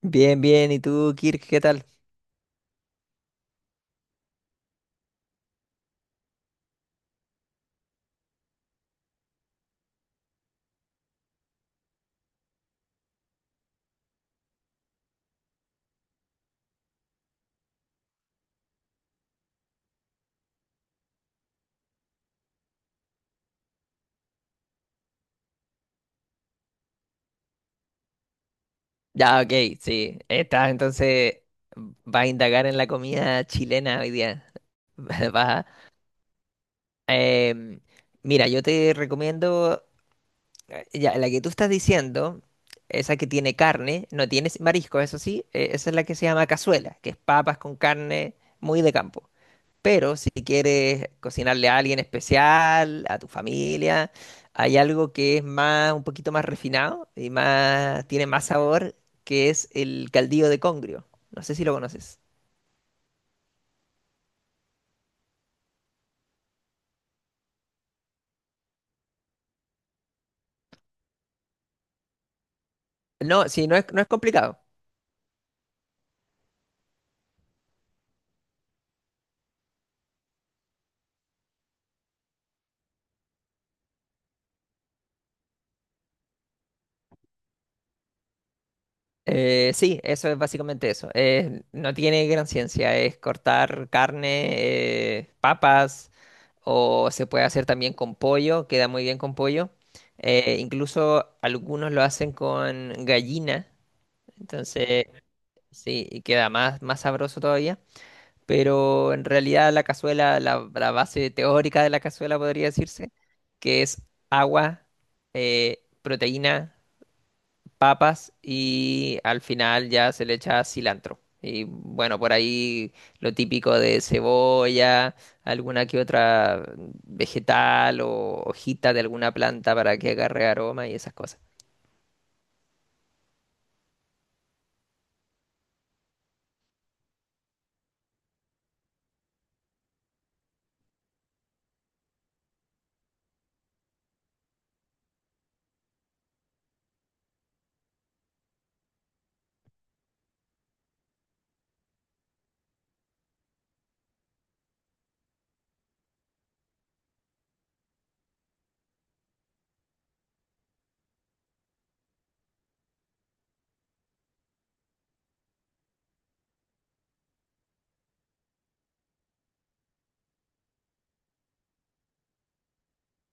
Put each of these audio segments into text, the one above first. Bien, bien. ¿Y tú, Kirk, qué tal? Ya, ok, sí. Estás entonces, vas a indagar en la comida chilena hoy día. Vas a- em, mira, yo te recomiendo, ya, la que tú estás diciendo, esa que tiene carne, no tiene marisco, eso sí, esa es la que se llama cazuela, que es papas con carne muy de campo. Pero si quieres cocinarle a alguien especial, a tu familia, hay algo que es más, un poquito más refinado y más, tiene más sabor, que es el caldillo de congrio. No sé si lo conoces. No, sí, no es complicado. Sí, eso es básicamente eso. No tiene gran ciencia. Es cortar carne, papas, o se puede hacer también con pollo, queda muy bien con pollo. Incluso algunos lo hacen con gallina. Entonces, sí, y queda más, más sabroso todavía. Pero en realidad la base teórica de la cazuela podría decirse, que es agua, proteína, papas, y al final ya se le echa cilantro. Y bueno, por ahí lo típico de cebolla, alguna que otra vegetal o hojita de alguna planta para que agarre aroma y esas cosas.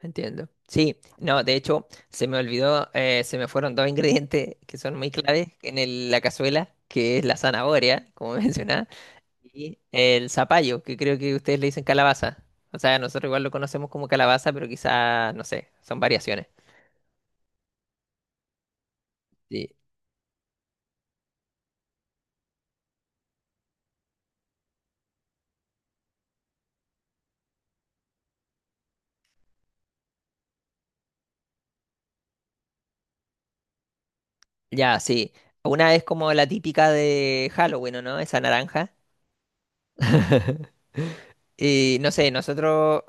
Entiendo. Sí, no, de hecho, se me olvidó, se me fueron dos ingredientes que son muy claves en el- la cazuela, que es la zanahoria, como mencionaba, y el zapallo, que creo que ustedes le dicen calabaza. O sea, nosotros igual lo conocemos como calabaza, pero quizá, no sé, son variaciones. Sí, ya, sí. Una es como la típica de Halloween, ¿o no? Esa naranja. Y no sé, nosotros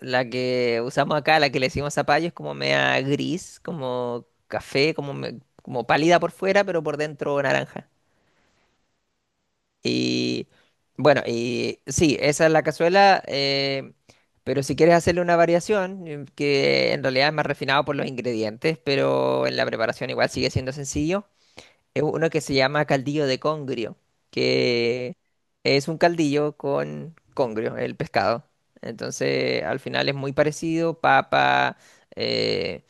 la que usamos acá, la que le decimos zapallo, es como media gris, como café, como, me- como pálida por fuera, pero por dentro naranja. Y bueno, y sí, esa es la cazuela, pero si quieres hacerle una variación, que en realidad es más refinado por los ingredientes, pero en la preparación igual sigue siendo sencillo, es uno que se llama caldillo de congrio, que es un caldillo con congrio, el pescado. Entonces, al final es muy parecido, papa, eh,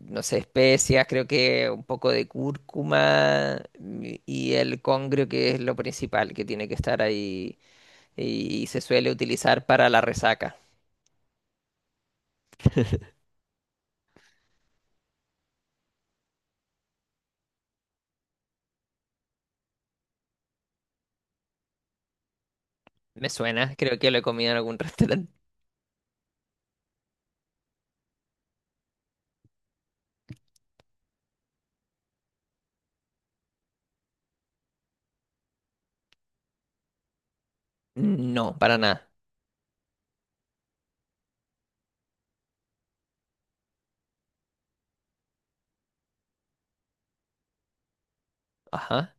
no sé, especias, creo que un poco de cúrcuma y el congrio, que es lo principal que tiene que estar ahí, y se suele utilizar para la resaca. Me suena, creo que lo he comido en algún restaurante. No, para nada. Ajá.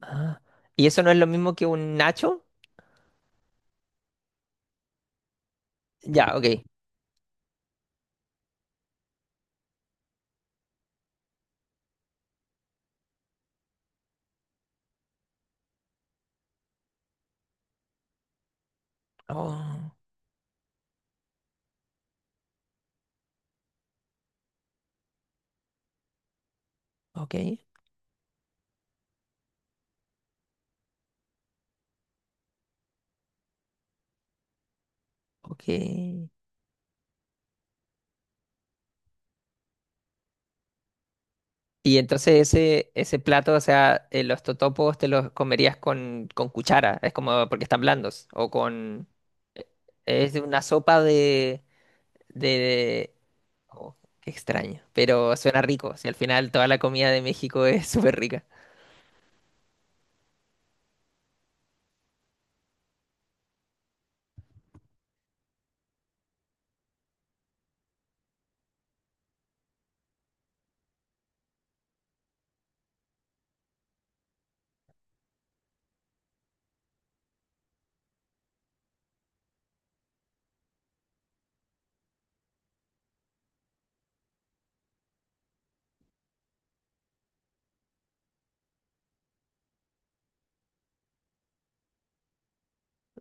Ah. ¿Y eso no es lo mismo que un nacho? Ya, ok. Oh, ok, ok. Y entonces ese plato, o sea, los totopos te los comerías con cuchara, es como porque están blandos, o con... Es de una sopa de... oh, qué extraño, pero suena rico, si al final toda la comida de México es súper rica.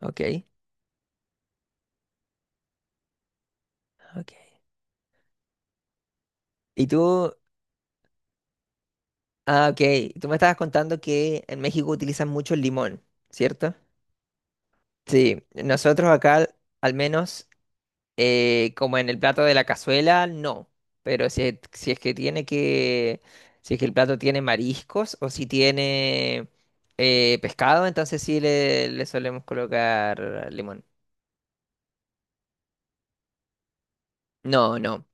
Ok, ok. Y tú, ah, ok, tú me estabas contando que en México utilizan mucho el limón, ¿cierto? Sí, nosotros acá, al menos... como en el plato de la cazuela, no. Pero si, es- si es que tiene que, si es que el plato tiene mariscos o si tiene pescado, entonces sí le solemos colocar limón. No, no.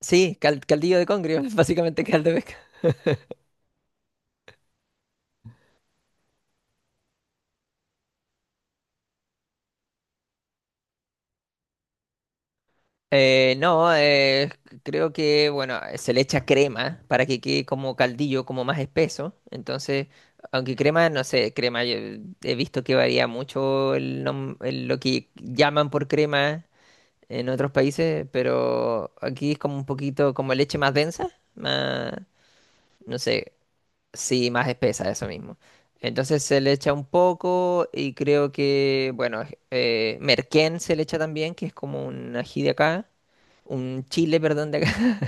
Sí, cal- caldillo de congrio, básicamente caldo de pescado. No, creo que, bueno, se le echa crema para que quede como caldillo, como más espeso. Entonces, aunque crema, no sé, crema, yo he visto que varía mucho el nom- el- lo que llaman por crema en otros países, pero aquí es como un poquito como leche más densa, más, no sé. Sí, más espesa, eso mismo. Entonces se le echa un poco y creo que, bueno, merquén se le echa también, que es como un ají de acá, un chile, perdón, de acá.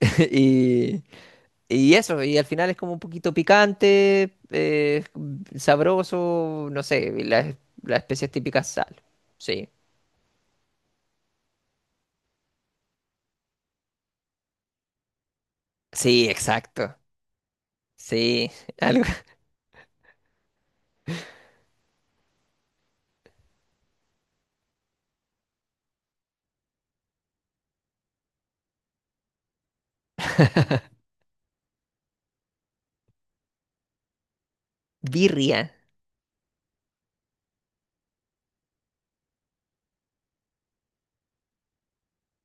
Y, y eso, y al final es como un poquito picante, sabroso, no sé, y las especias típicas sal. Sí, sí, exacto. Sí, algo. Birria.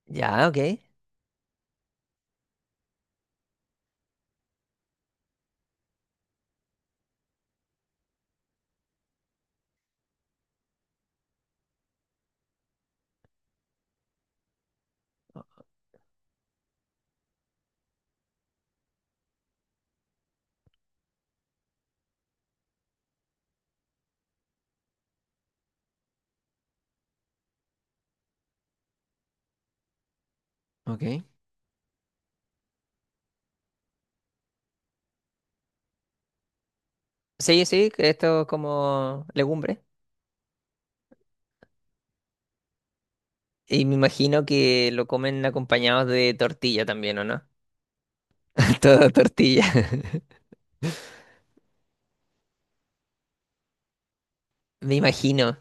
Ya, ok. Ok. Sí, sí, que esto es como legumbre. Y me imagino que lo comen acompañados de tortilla también, ¿o no? Todo tortilla. Me imagino.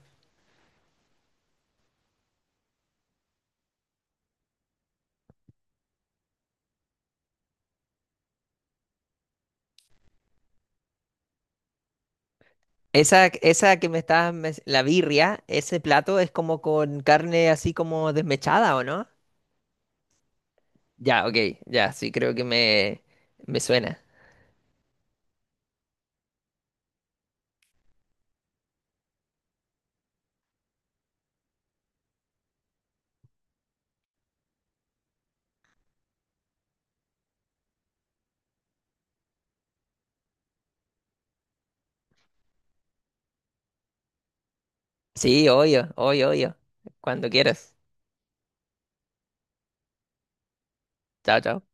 Esa que me estabas, mes- la birria, ese plato es como con carne así como desmechada, ¿o no? Ya, ok, ya, sí, creo que me suena. Sí, obvio, obvio, obvio. Cuando quieras. Chao, chao.